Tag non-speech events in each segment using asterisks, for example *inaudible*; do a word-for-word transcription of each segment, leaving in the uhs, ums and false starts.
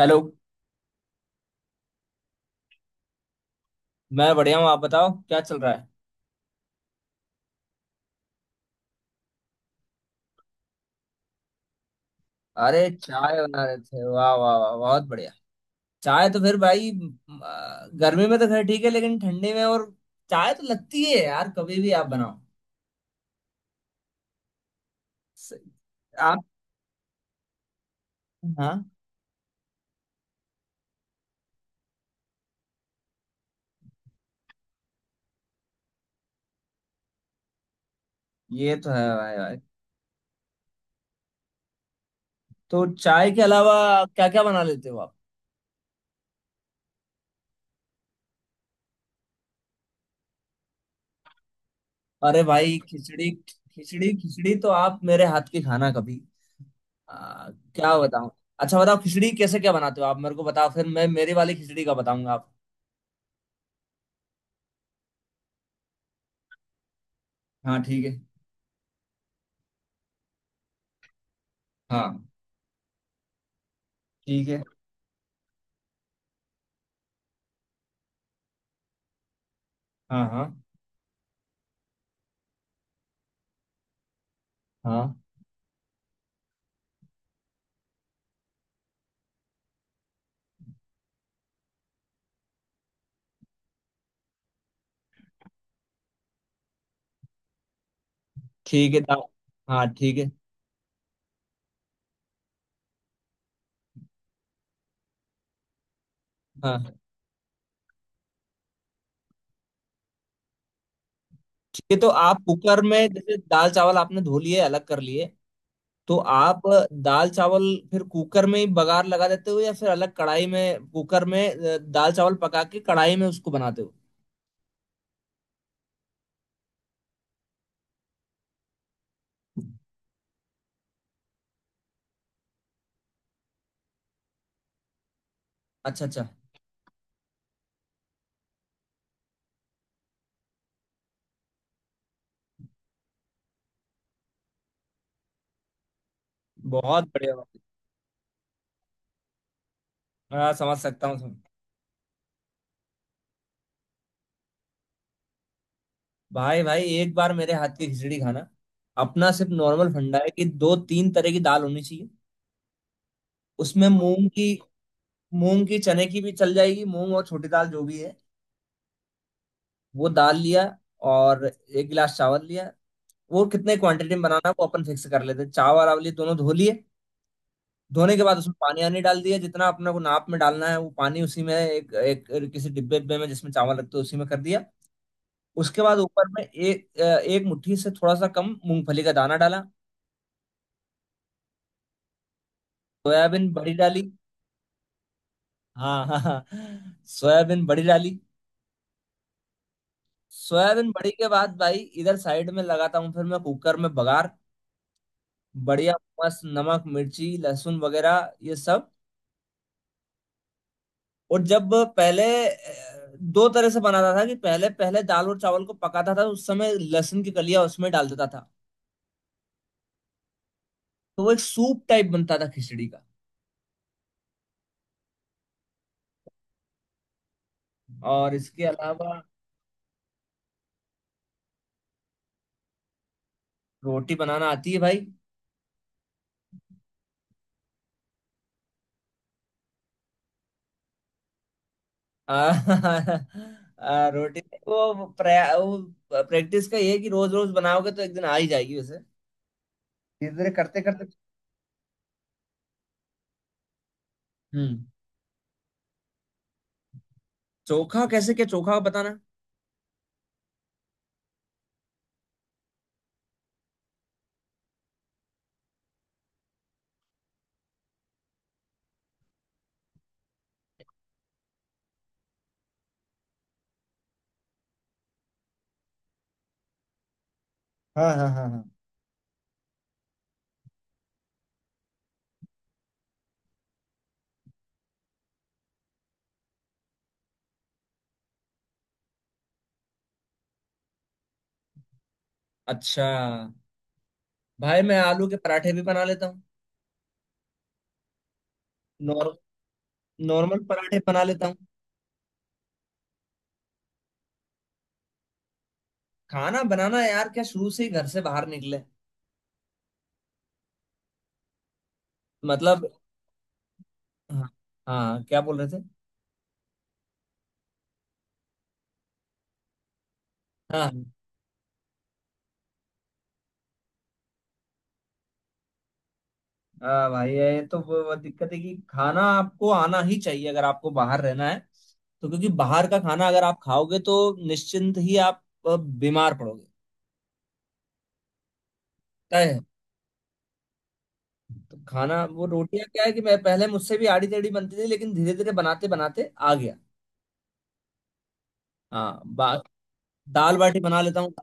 Hello. मैं बढ़िया हूँ, आप बताओ क्या चल रहा है। अरे चाय बना रहे थे, वाह वाह वाह, बहुत बढ़िया। चाय तो फिर भाई म, आ, गर्मी में तो खैर ठीक है, लेकिन ठंडी में और चाय तो लगती है यार, कभी भी आप बनाओ। स- आप। हाँ। ये तो है भाई भाई। तो चाय के अलावा क्या क्या बना लेते हो आप। अरे भाई खिचड़ी खिचड़ी खिचड़ी तो आप मेरे हाथ की खाना कभी। आ, क्या बताऊं। अच्छा बताओ खिचड़ी कैसे क्या बनाते हो आप, मेरे को बताओ, फिर मैं मेरी वाली खिचड़ी का बताऊंगा आप। हाँ ठीक है। हाँ ठीक है। हाँ हाँ। हाँ ठीक है, दाल। हाँ ठीक है। हाँ ठीक है तो आप कुकर में जैसे दाल चावल आपने धो लिए अलग कर लिए तो आप दाल चावल फिर कुकर में ही बघार लगा देते हो या फिर अलग कढ़ाई में कुकर में अ, दाल चावल पका के कढ़ाई में उसको बनाते हो। अच्छा अच्छा, बहुत बढ़िया बात है। हाँ समझ सकता हूँ, समझ- भाई भाई एक बार मेरे हाथ की खिचड़ी खाना। अपना सिर्फ नॉर्मल फंडा है कि दो तीन तरह की दाल होनी चाहिए। उसमें मूंग की, मूंग की चने की भी चल जाएगी, मूंग और छोटी दाल जो भी है, वो दाल लिया और एक गिलास चावल लिया। वो कितने क्वांटिटी में बनाना है वो अपन फिक्स कर लेते हैं। चावल आवली दोनों धो लिए। धोने के बाद उसमें पानी आनी डाल दिया जितना अपने को नाप में डालना है, वो पानी उसी में एक एक किसी डिब्बे डिब्बे में जिसमें चावल रखते हैं उसी में कर दिया। उसके बाद ऊपर में एक अ, एक मुट्ठी से थोड़ा सा कम मूंगफली का दाना डाला। सोयाबीन बड़ी डाली। हाँ हाँ हाँ, सोयाबीन बड़ी डाली। सोयाबीन बड़ी के बाद भाई इधर साइड में लगाता हूँ, फिर मैं कुकर में बघार। बढ़िया मस्त, नमक मिर्ची लहसुन वगैरह ये सब। और जब पहले अ, दो तरह से बनाता था कि पहले पहले दाल और चावल को पकाता था तो उस समय लहसुन की कलियां उसमें डाल देता था। तो वो एक सूप टाइप बनता था खिचड़ी का। और इसके अलावा रोटी बनाना आती है भाई। आ, *laughs* आ, रोटी, वो प्रया वो प्रैक्टिस का ये है कि रोज रोज बनाओगे तो एक दिन आ ही जाएगी वैसे, धीरे धीरे करते करते। हम्म। चोखा कैसे, क्या चोखा बताना। हाँ हाँ हाँ हाँ। अच्छा। भाई मैं आलू के पराठे भी बना लेता हूँ। नॉर्म नॉर्मल पराठे बना लेता हूँ। खाना बनाना यार क्या, शुरू से ही घर से बाहर निकले। मतलब। हाँ। हाँ क्या बोल रहे थे। हाँ हाँ भाई ये तो वो वो दिक्कत है कि खाना आपको आना ही चाहिए अगर आपको बाहर रहना है, तो क्योंकि बाहर का खाना अगर आप खाओगे तो निश्चिंत ही आप अ, बीमार पड़ोगे, तय है। तो खाना वो रोटियां क्या है कि मैं पहले मुझसे भी आड़ी टेढ़ी बनती थी लेकिन धीरे धीरे बनाते बनाते आ गया। हाँ बा- दाल बाटी बना लेता हूँ।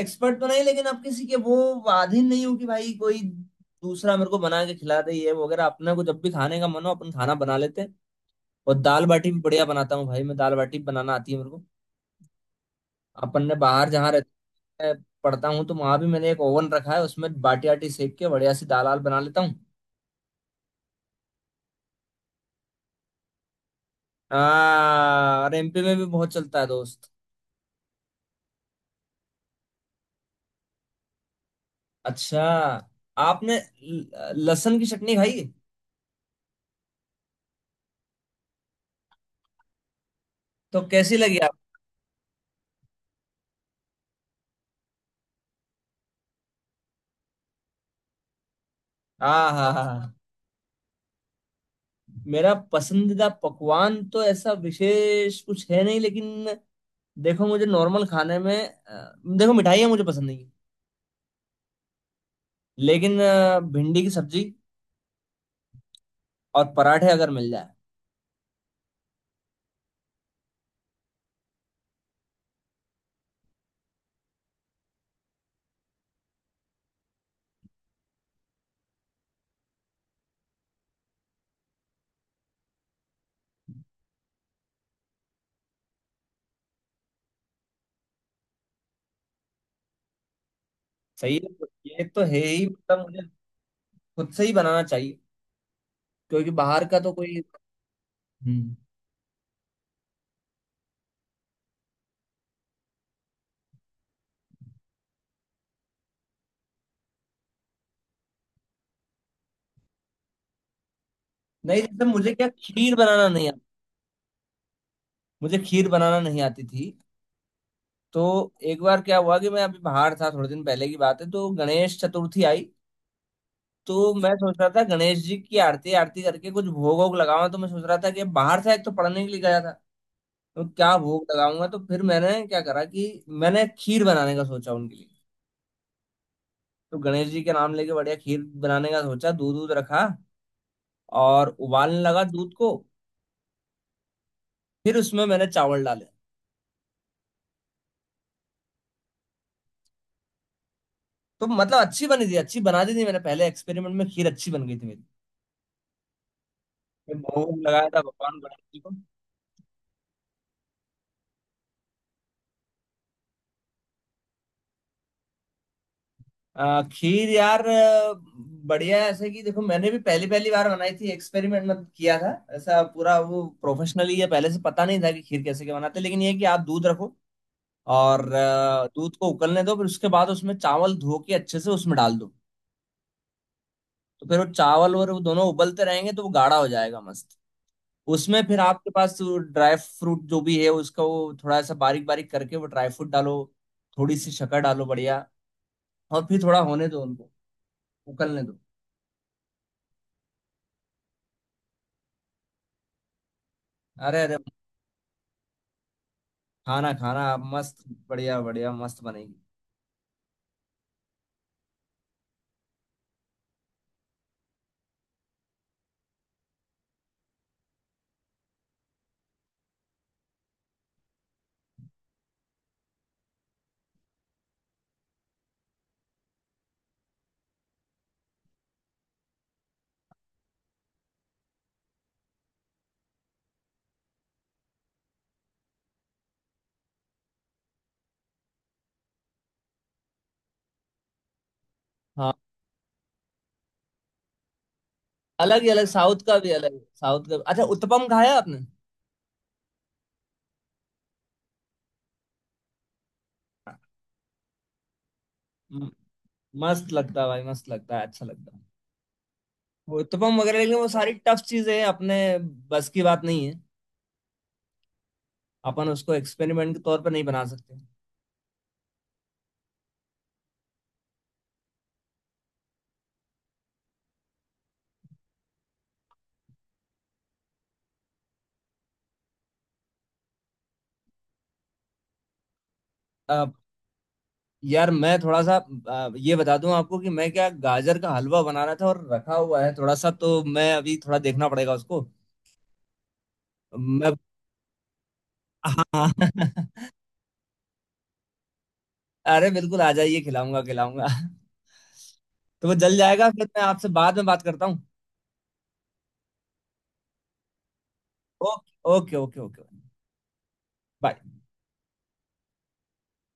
एक्सपर्ट तो नहीं, लेकिन आप किसी के वो अधीन नहीं हो कि भाई कोई दूसरा मेरे को बना के खिला दे ये वगैरह, अपने को जब भी खाने का मन हो अपन खाना बना लेते हैं। और दाल बाटी भी बढ़िया बनाता हूँ भाई मैं, दाल बाटी बनाना आती है मेरे को। अपन ने बाहर जहाँ रहते मैं पढ़ता हूँ तो वहां भी मैंने एक ओवन रखा है, उसमें बाटी आटी सेक के बढ़िया सी दाल आल बना लेता हूँ। हाँ और एम पी में भी बहुत चलता है दोस्त। अच्छा, आपने ल- लहसुन की चटनी खाई, तो कैसी लगी आप। हाँ हाँ हाँ हाँ। मेरा पसंदीदा पकवान तो ऐसा विशेष कुछ है नहीं लेकिन देखो मुझे नॉर्मल खाने में अ, देखो मिठाइयाँ मुझे पसंद नहीं है, लेकिन अ, भिंडी की सब्जी और पराठे अगर मिल जाए। सही है। ये तो है ही, मतलब मुझे खुद से ही बनाना चाहिए, क्योंकि बाहर का तो कोई। हम्म। नहीं जैसे मुझे क्या, खीर बनाना नहीं आता, मुझे खीर बनाना नहीं आती थी। तो एक बार क्या हुआ कि मैं अभी बाहर था थोड़े दिन पहले की बात है, तो गणेश चतुर्थी आई, तो मैं सोच रहा था गणेश जी की आरती आरती करके कुछ भोग वोग लगाऊं, तो मैं सोच रहा था कि बाहर से एक तो पढ़ने के लिए गया था तो क्या भोग लगाऊंगा, तो फिर मैंने क्या करा कि मैंने खीर बनाने का सोचा उनके लिए। तो गणेश जी के नाम लेके बढ़िया खीर बनाने का सोचा, दूध दूध रखा और उबालने लगा दूध को। फिर उसमें मैंने चावल डाले। तो मतलब अच्छी बनी थी, अच्छी बना दी थी मैंने, पहले एक्सपेरिमेंट में खीर अच्छी बन गई थी मेरी। फिर भोग लगाया था भगवान गणेश जी को। आ, खीर यार, आ, बढ़िया है ऐसे कि, देखो मैंने भी पहली पहली बार बनाई थी, एक्सपेरिमेंट मत किया था ऐसा, पूरा वो प्रोफेशनली या पहले से पता नहीं था कि खीर कैसे के बनाते, लेकिन ये है कि आप दूध रखो और आ, दूध को उबलने दो, फिर उसके बाद उसमें चावल धो के अच्छे से उसमें डाल दो। तो फिर वो चावल और वो दोनों उबलते रहेंगे तो वो गाढ़ा हो जाएगा मस्त। उसमें फिर आपके पास ड्राई फ्रूट जो भी है उसका वो थोड़ा सा बारीक बारीक करके वो ड्राई फ्रूट डालो, थोड़ी सी शक्कर डालो बढ़िया, और फिर थोड़ा होने दो उनको, उबलने दो। अरे अरे, खाना खाना आप, मस्त बढ़िया बढ़िया मस्त बनेगी। हाँ अलग ही अलग, साउथ का भी अलग, साउथ का अच्छा उत्तपम खाया आपने। म- मस्त लगता है भाई, मस्त लगता है, अच्छा लगता है वो उत्तपम वगैरह, लेकिन वो सारी टफ चीजें हैं, अपने बस की बात नहीं है, अपन उसको एक्सपेरिमेंट के तौर पर नहीं बना सकते। अब यार मैं थोड़ा सा अ, ये बता दूं आपको कि मैं क्या गाजर का हलवा बना रहा था और रखा हुआ है थोड़ा सा, तो मैं अभी थोड़ा देखना पड़ेगा उसको। मैं हाँ। *laughs* अरे बिल्कुल आ जाइए, खिलाऊंगा खिलाऊंगा। *laughs* तो वो जल जाएगा, फिर मैं आपसे बाद में बात करता हूँ। Okay okay okay okay. Bye.